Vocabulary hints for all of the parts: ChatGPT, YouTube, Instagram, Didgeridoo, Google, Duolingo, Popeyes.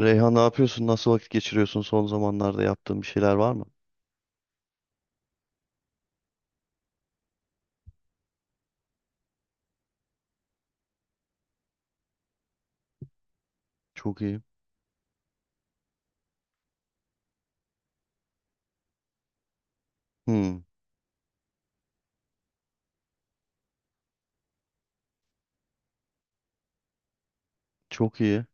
Reyhan ne yapıyorsun? Nasıl vakit geçiriyorsun? Son zamanlarda yaptığın bir şeyler var mı? Çok iyi. Hmm, çok iyi.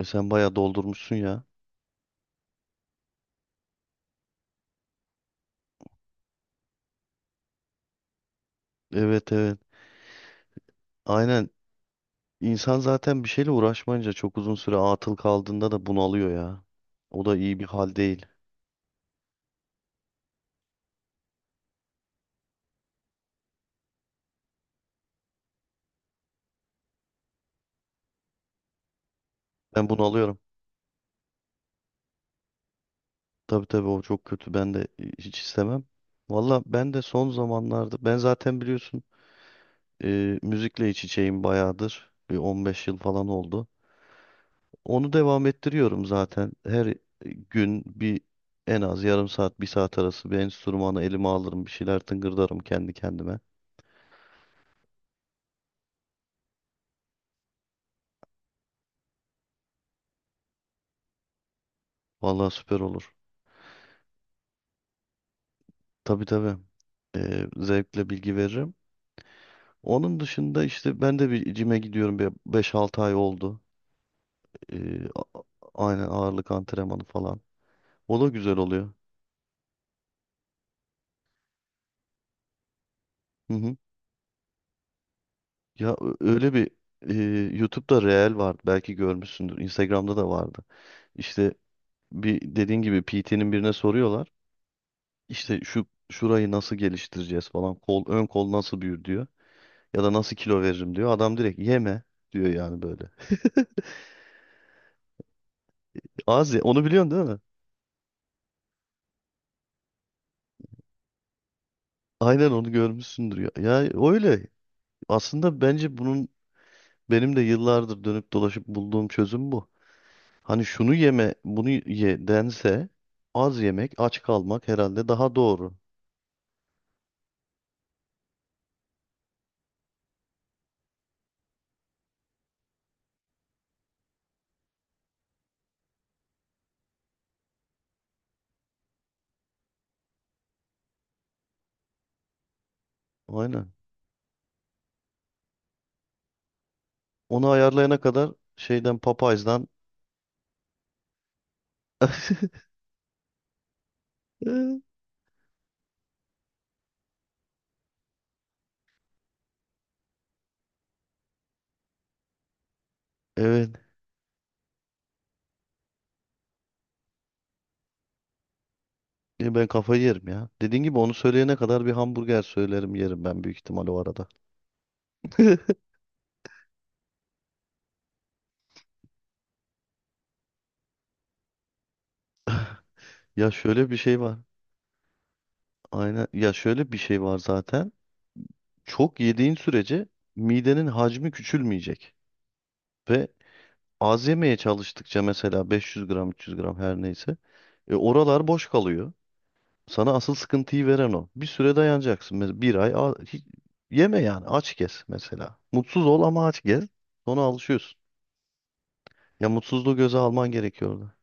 E sen bayağı doldurmuşsun ya. Evet evet. Aynen. İnsan zaten bir şeyle uğraşmayınca çok uzun süre atıl kaldığında da bunalıyor ya. O da iyi bir hal değil. Ben bunalıyorum. Tabii tabii, o çok kötü. Ben de hiç istemem. Valla ben de son zamanlarda, ben zaten biliyorsun müzikle iç içeyim bayağıdır. Bir 15 yıl falan oldu. Onu devam ettiriyorum zaten. Her gün bir en az yarım saat, bir saat arası bir enstrümanı elime alırım. Bir şeyler tıngırdarım kendi kendime. Vallahi süper olur. Tabii tabii. Zevkle bilgi veririm. Onun dışında işte ben de bir cime gidiyorum. Bir 5-6 ay oldu. Ee, a- aynen ağırlık antrenmanı falan. O da güzel oluyor. Hı hı. Öyle bir e, YouTube'da Reel vardı. Belki görmüşsündür. Instagram'da da vardı. İşte bir, dediğin gibi, PT'nin birine soruyorlar. İşte şurayı nasıl geliştireceğiz falan. Kol, ön kol nasıl büyür diyor. Ya da nasıl kilo veririm diyor. Adam direkt yeme diyor yani, böyle. Az ye. Onu biliyorsun değil mi? Aynen, onu görmüşsündür ya. Ya öyle. Aslında bence bunun, benim de yıllardır dönüp dolaşıp bulduğum çözüm bu. Hani şunu yeme, bunu ye dense, az yemek, aç kalmak herhalde daha doğru. Aynen. Onu ayarlayana kadar şeyden, Popeyes'dan. Evet. Ya ben kafayı yerim ya. Dediğin gibi, onu söyleyene kadar bir hamburger söylerim, yerim ben büyük ihtimal o arada. Ya şöyle bir şey var. Aynen. Ya şöyle bir şey var zaten. Çok yediğin sürece midenin hacmi küçülmeyecek. Ve az yemeye çalıştıkça, mesela 500 gram, 300 gram, her neyse, oralar boş kalıyor. Sana asıl sıkıntıyı veren o. Bir süre dayanacaksın. Mesela bir ay yeme, yani aç gez mesela. Mutsuz ol ama aç gez. Sonra alışıyorsun. Ya mutsuzluğu göze alman gerekiyordu.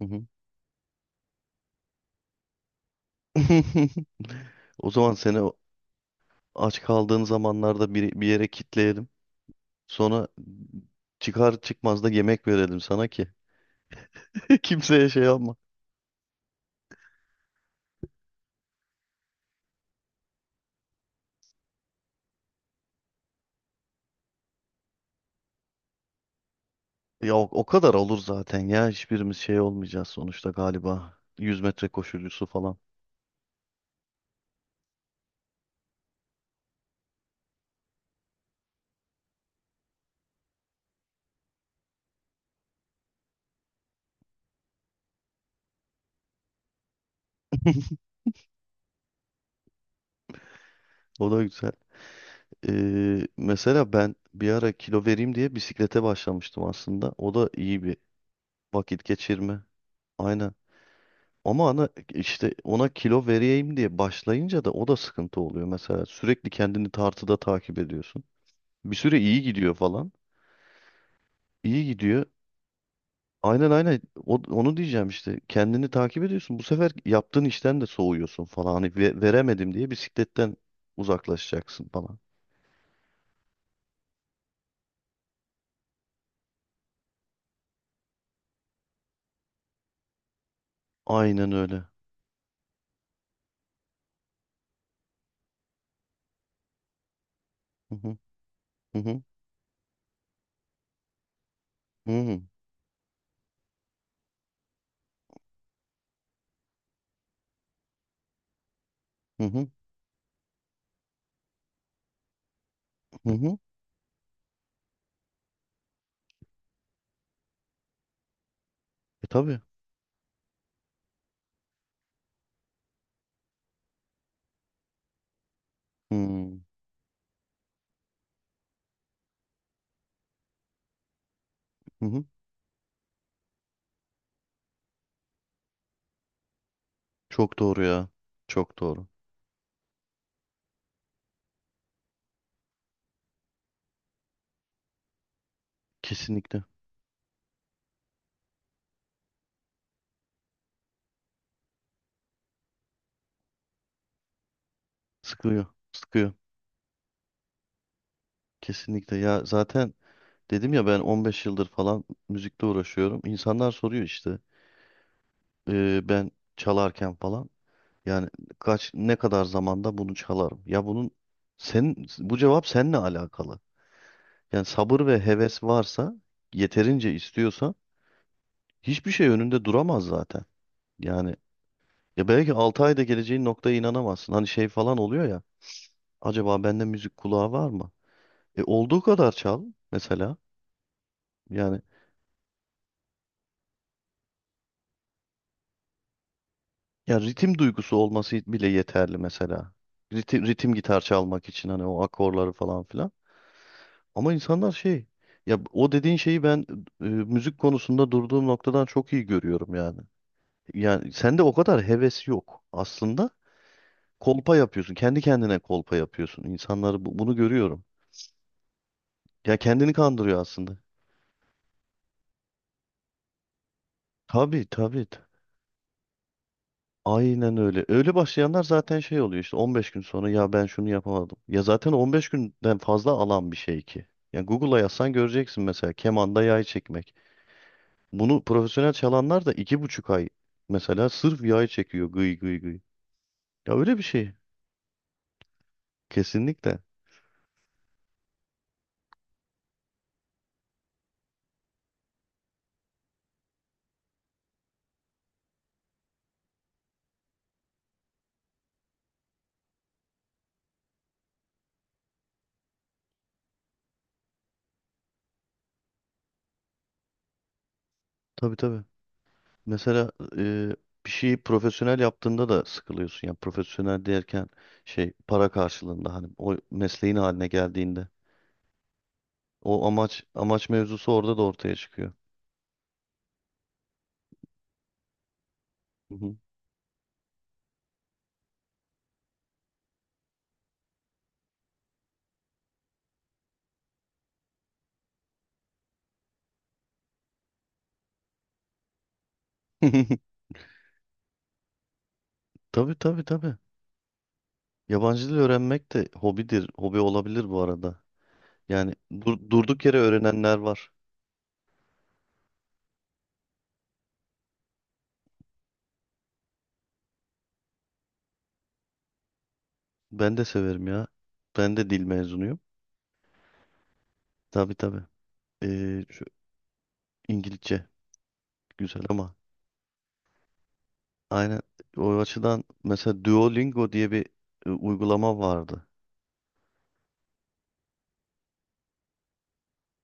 O zaman seni o- Aç kaldığın zamanlarda bir, bir yere kitleyelim. Sonra çıkar çıkmaz da yemek verelim sana ki. Kimseye şey yapma. Ya o, o kadar olur zaten ya. Hiçbirimiz şey olmayacağız sonuçta galiba. 100 metre koşucusu falan. O da güzel. Mesela ben bir ara kilo vereyim diye bisiklete başlamıştım aslında. O da iyi bir vakit geçirme. Aynen. Ama ana işte ona kilo vereyim diye başlayınca da o da sıkıntı oluyor. Mesela sürekli kendini tartıda takip ediyorsun. Bir süre iyi gidiyor falan. İyi gidiyor. Aynen aynen. Onu diyeceğim işte. Kendini takip ediyorsun. Bu sefer yaptığın işten de soğuyorsun falan. Hani veremedim diye bisikletten uzaklaşacaksın falan. Aynen öyle. Hı hı, hı hı, hı hı, hı hı, hı hı, E tabii. Hı hı, hı. Çok doğru ya. Çok doğru. Kesinlikle. Sıkıyor. Sıkıyor. Kesinlikle ya. Zaten dedim ya, ben 15 yıldır falan müzikle uğraşıyorum. İnsanlar soruyor işte, ben çalarken falan, yani kaç, ne kadar zamanda bunu çalarım? Ya bunun, sen, bu cevap seninle alakalı. Yani sabır ve heves varsa, yeterince istiyorsan, hiçbir şey önünde duramaz zaten. Yani ya, belki 6 ayda geleceğin noktaya inanamazsın. Hani şey falan oluyor ya, acaba bende müzik kulağı var mı? E olduğu kadar çal mesela. Yani, ya ritim duygusu olması bile yeterli mesela. Ritim gitar çalmak için, hani o akorları falan filan. Ama insanlar şey, ya o dediğin şeyi ben, müzik konusunda durduğum noktadan çok iyi görüyorum yani. Yani sende o kadar heves yok aslında. Kolpa yapıyorsun. Kendi kendine kolpa yapıyorsun. İnsanları bunu görüyorum. Ya kendini kandırıyor aslında. Tabii tabii. Aynen öyle. Öyle başlayanlar zaten şey oluyor işte, 15 gün sonra ya ben şunu yapamadım. Ya zaten 15 günden fazla alan bir şey ki. Yani Google'a yazsan göreceksin, mesela kemanda yay çekmek. Bunu profesyonel çalanlar da iki buçuk ay mesela sırf yay çekiyor, gıy gıy gıy. Ya öyle bir şey. Kesinlikle. Tabii tabii. Mesela e, bir şeyi profesyonel yaptığında da sıkılıyorsun. Yani profesyonel derken, şey, para karşılığında, hani o mesleğin haline geldiğinde, o amaç mevzusu orada da ortaya çıkıyor. Tabii tabii tabii. Yabancı dil öğrenmek de hobidir. Hobi olabilir bu arada. Yani durduk yere öğrenenler var. Ben de severim ya. Ben de dil mezunuyum. Tabii tabii. Şu İngilizce güzel. Ama aynen, o açıdan mesela Duolingo diye bir uygulama vardı.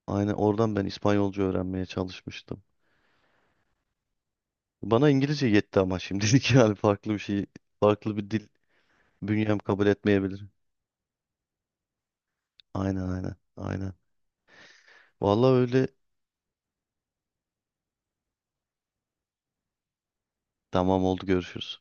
Aynen oradan ben İspanyolca öğrenmeye çalışmıştım. Bana İngilizce yetti ama şimdilik. Yani farklı bir şey, farklı bir dil bünyem kabul etmeyebilir. Aynen aynen aynen. Vallahi öyle. Tamam, oldu, görüşürüz.